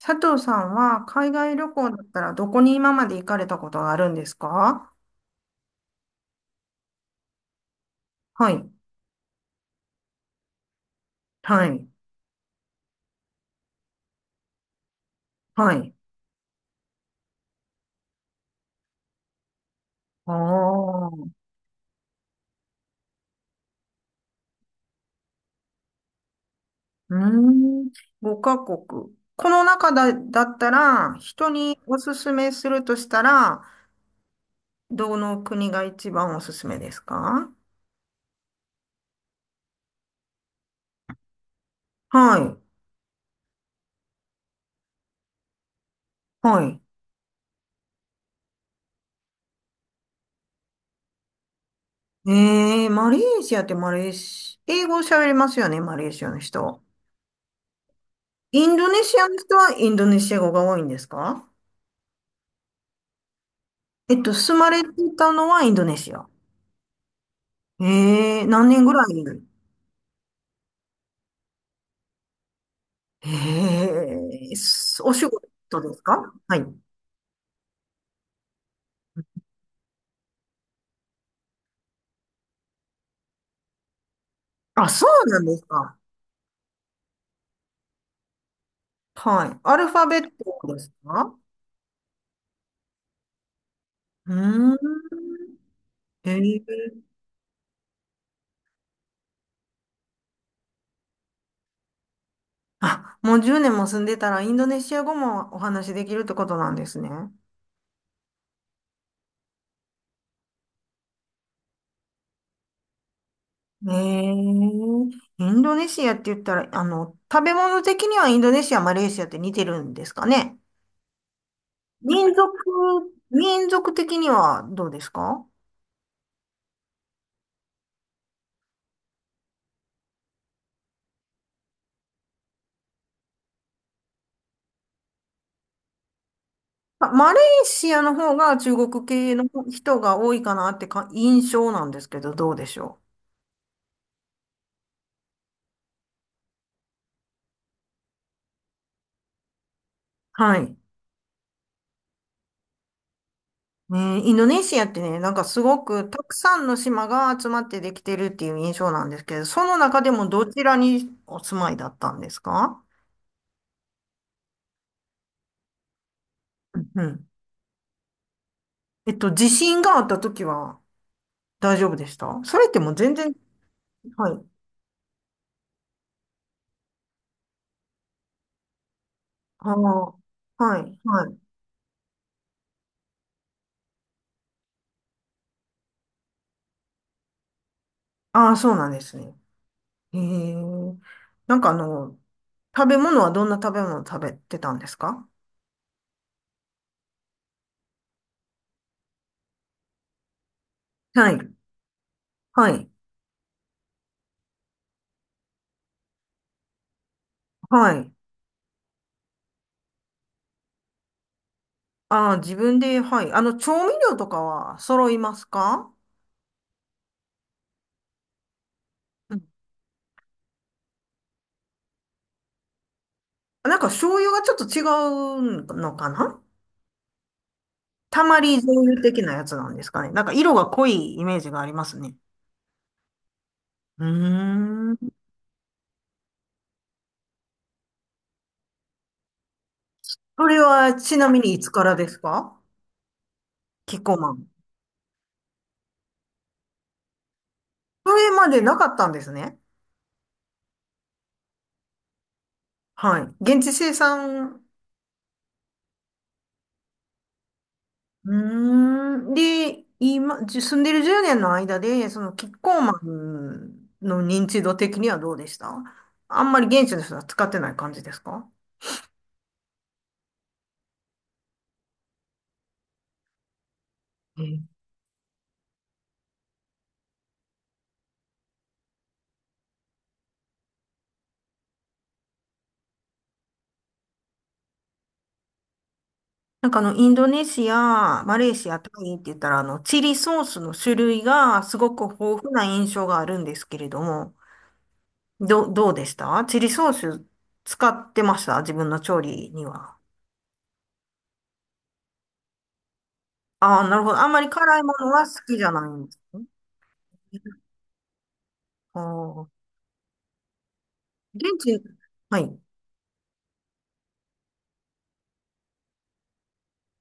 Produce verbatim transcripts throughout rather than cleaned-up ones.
佐藤さんは海外旅行だったらどこに今まで行かれたことがあるんですか？はい。はい。はい。ああ。うーん。ごかこくカ国。この中だ、だったら、人におすすめするとしたら、どの国が一番おすすめですか？はい。はい。えー、マレーシアってマレーシ、英語喋れますよね、マレーシアの人。インドネシアの人はインドネシア語が多いんですか？えっと、住まれてたのはインドネシア。ええ、何年ぐらいに？ええ、すお仕事ですか？はい。あ、そうなんですか。はい。アルファベットですか？うーん。ええ。あ、もうじゅうねんも住んでたらインドネシア語もお話しできるってことなんですね。ええ。インドネシアって言ったら、あの、食べ物的にはインドネシア、マレーシアって似てるんですかね。民族、民族的にはどうですか？あ、マレーシアの方が中国系の人が多いかなってか印象なんですけど、どうでしょう。はい。ね、インドネシアってね、なんかすごくたくさんの島が集まってできてるっていう印象なんですけど、その中でもどちらにお住まいだったんですか？うんうん。えっと、地震があった時は大丈夫でした？それってもう全然、はい。ああ、はい、はい。ああ、そうなんですね。へえ。なんかあの、食べ物はどんな食べ物を食べてたんですか？はい。はい。はい。ああ、自分で、はい。あの、調味料とかは揃いますか？うん。なんか醤油がちょっと違うのかな？たまり醤油的なやつなんですかね。なんか色が濃いイメージがありますね。うーん。それはちなみにいつからですか？キッコーマン。それまでなかったんですね。はい。現地生産。うーん。で、今、じ住んでるじゅうねんの間で、そのキッコーマンの認知度的にはどうでした？あんまり現地の人は使ってない感じですか？うん。なんかあの、インドネシア、マレーシア、タイって言ったら、あの、チリソースの種類がすごく豊富な印象があるんですけれども、ど、どうでしたチリソース？使ってました自分の調理には？ああ、なるほど。あんまり辛いものは好きじゃないんですね。ああ、現地、はい。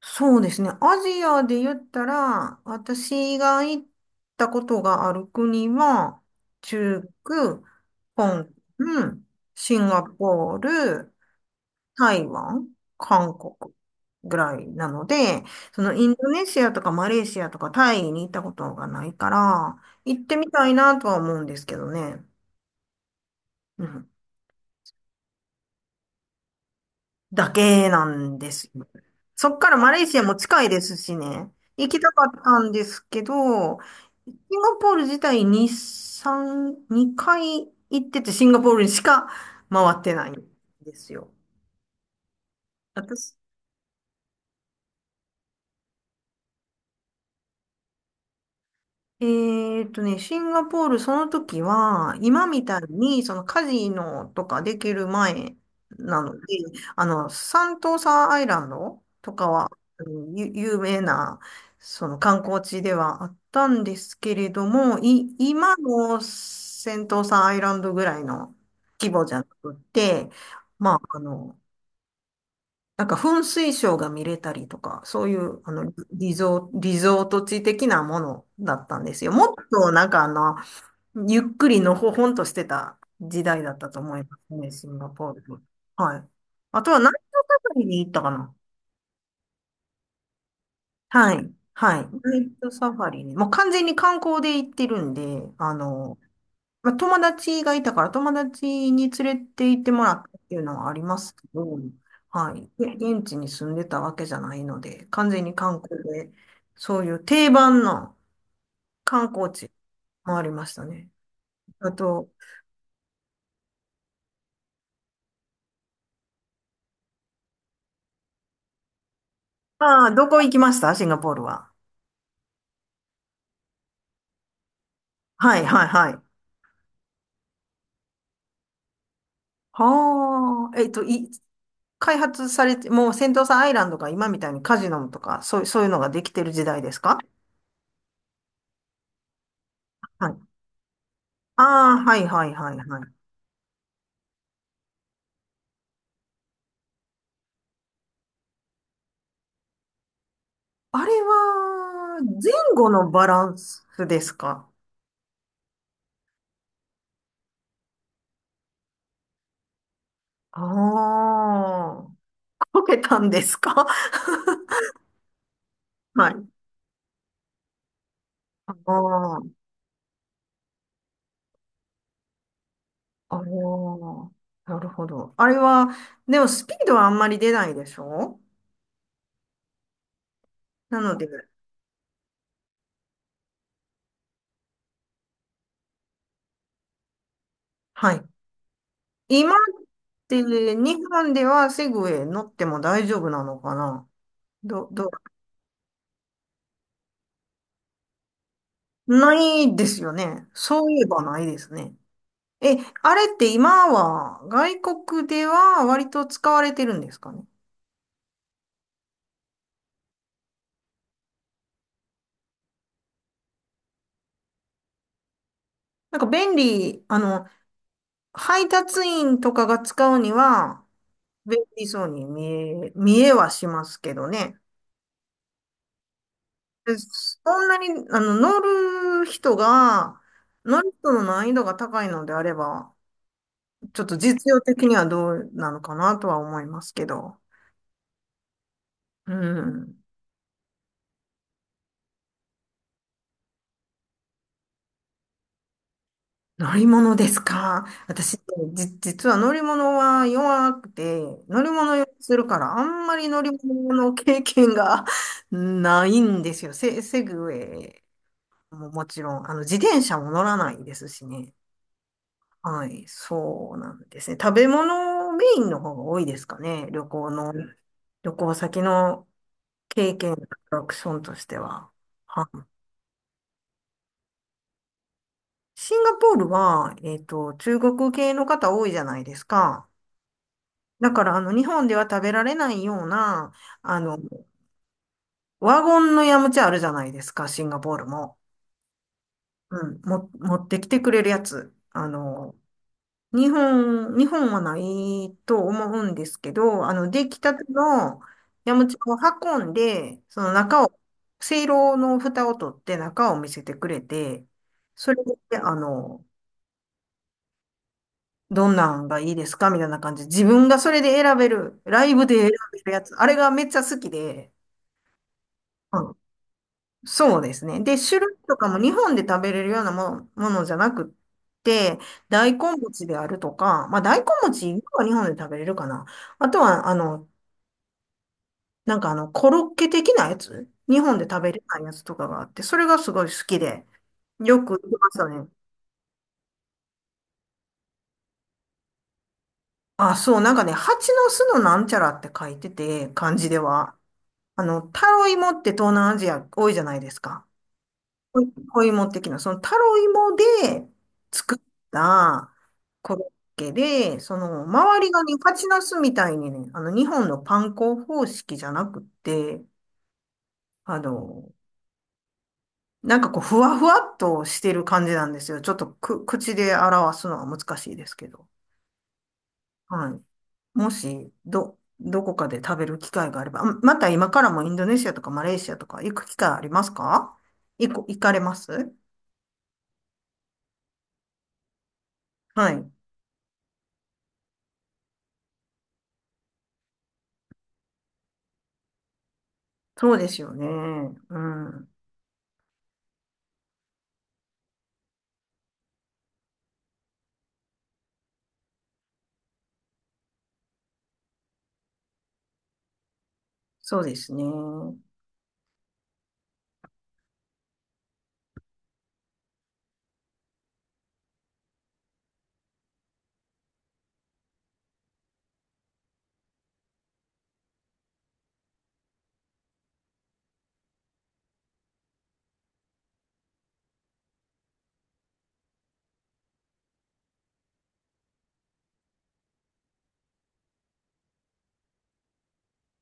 そうですね。アジアで言ったら、私が行ったことがある国は、中国、香港、シンガポール、台湾、韓国ぐらいなので、そのインドネシアとかマレーシアとかタイに行ったことがないから、行ってみたいなとは思うんですけどね。うん。だけなんですよ。そっからマレーシアも近いですしね。行きたかったんですけど、シンガポール自体にさん、にかい行ってて、シンガポールにしか回ってないんですよ。私、えーっとね、シンガポール、その時は、今みたいに、そのカジノとかできる前なので、あの、サントーサーアイランドとかは、あのゆ有名な、その観光地ではあったんですけれども、い、今のセントーサーアイランドぐらいの規模じゃなくて、まあ、あの、なんか噴水ショーが見れたりとか、そういう、あの、リゾ、リゾート地的なものだったんですよ。もっとなんかあの、ゆっくりのほほんとしてた時代だったと思いますね、シンガポール。はい。あとはナイトサファリに行ったかな。はい。はい。ナイトサファリに。もう完全に観光で行ってるんで、あの、まあ、友達がいたから、友達に連れて行ってもらったっていうのはありますけど、はい。で現地に住んでたわけじゃないので、完全に観光で、そういう定番の観光地回りましたね。あと、ああ、どこ行きましたシンガポールは？はい、はい、はい。はあ、えっと、い、開発されて、もうセントサアイランドが今みたいにカジノとか、そう、そういうのができてる時代ですか？はい。ああ、はい、はい、はい、はい。あれは、前後のバランスですか？ああー、こけたんですか？ はい。ああ、ああ、なるほど。あれは、でもスピードはあんまり出ないでしょ？なので、はい。今って日本ではセグウェイ乗っても大丈夫なのかな？ど、ど、ないですよね。そういえばないですね。え、あれって今は外国では割と使われてるんですかね？なんか便利、あの、配達員とかが使うには便利そうに見え、見えはしますけどね。でそんなに、あの、乗る人が、乗る人の難易度が高いのであれば、ちょっと実用的にはどうなのかなとは思いますけど。うん。乗り物ですか、私？じ、実は乗り物は弱くて、乗り物酔いするから、あんまり乗り物の経験が ないんですよ。セ、セグウェイももちろん、あの、自転車も乗らないですしね。はい、そうなんですね。食べ物メインの方が多いですかね。旅行の、旅行先の経験、アトラクションとしては。はい。シンガポールは、えっと、中国系の方多いじゃないですか。だから、あの、日本では食べられないような、あの、ワゴンのヤムチャあるじゃないですか、シンガポールも。うん、も、持ってきてくれるやつ。あの、日本、日本はないと思うんですけど、あの、出来たてのヤムチャを運んで、その中を、せいろの蓋を取って中を見せてくれて、それで、あの、どんなんがいいですかみたいな感じで、自分がそれで選べる、ライブで選べるやつ、あれがめっちゃ好きで、そうですね。で、種類とかも日本で食べれるようなもの、ものじゃなくって、大根餅であるとか、まあ大根餅は日本で食べれるかな。あとは、あの、なんかあの、コロッケ的なやつ、日本で食べれないやつとかがあって、それがすごい好きで、よく行きましたね。あ、そう、なんかね、蜂の巣のなんちゃらって書いてて、漢字では。あの、タロイモって東南アジア多いじゃないですか。小小芋的な、そのタロイモで作ったコロッケで、その周りがね、蜂ナスみたいにね、あの日本のパン粉方式じゃなくって、あの、なんかこう、ふわふわっとしてる感じなんですよ。ちょっとく、口で表すのは難しいですけど。はい。もし、ど、どこかで食べる機会があれば、あまた今からもインドネシアとかマレーシアとか行く機会ありますか？行こ、行かれます？はい。そうですよね。うん。そうですね。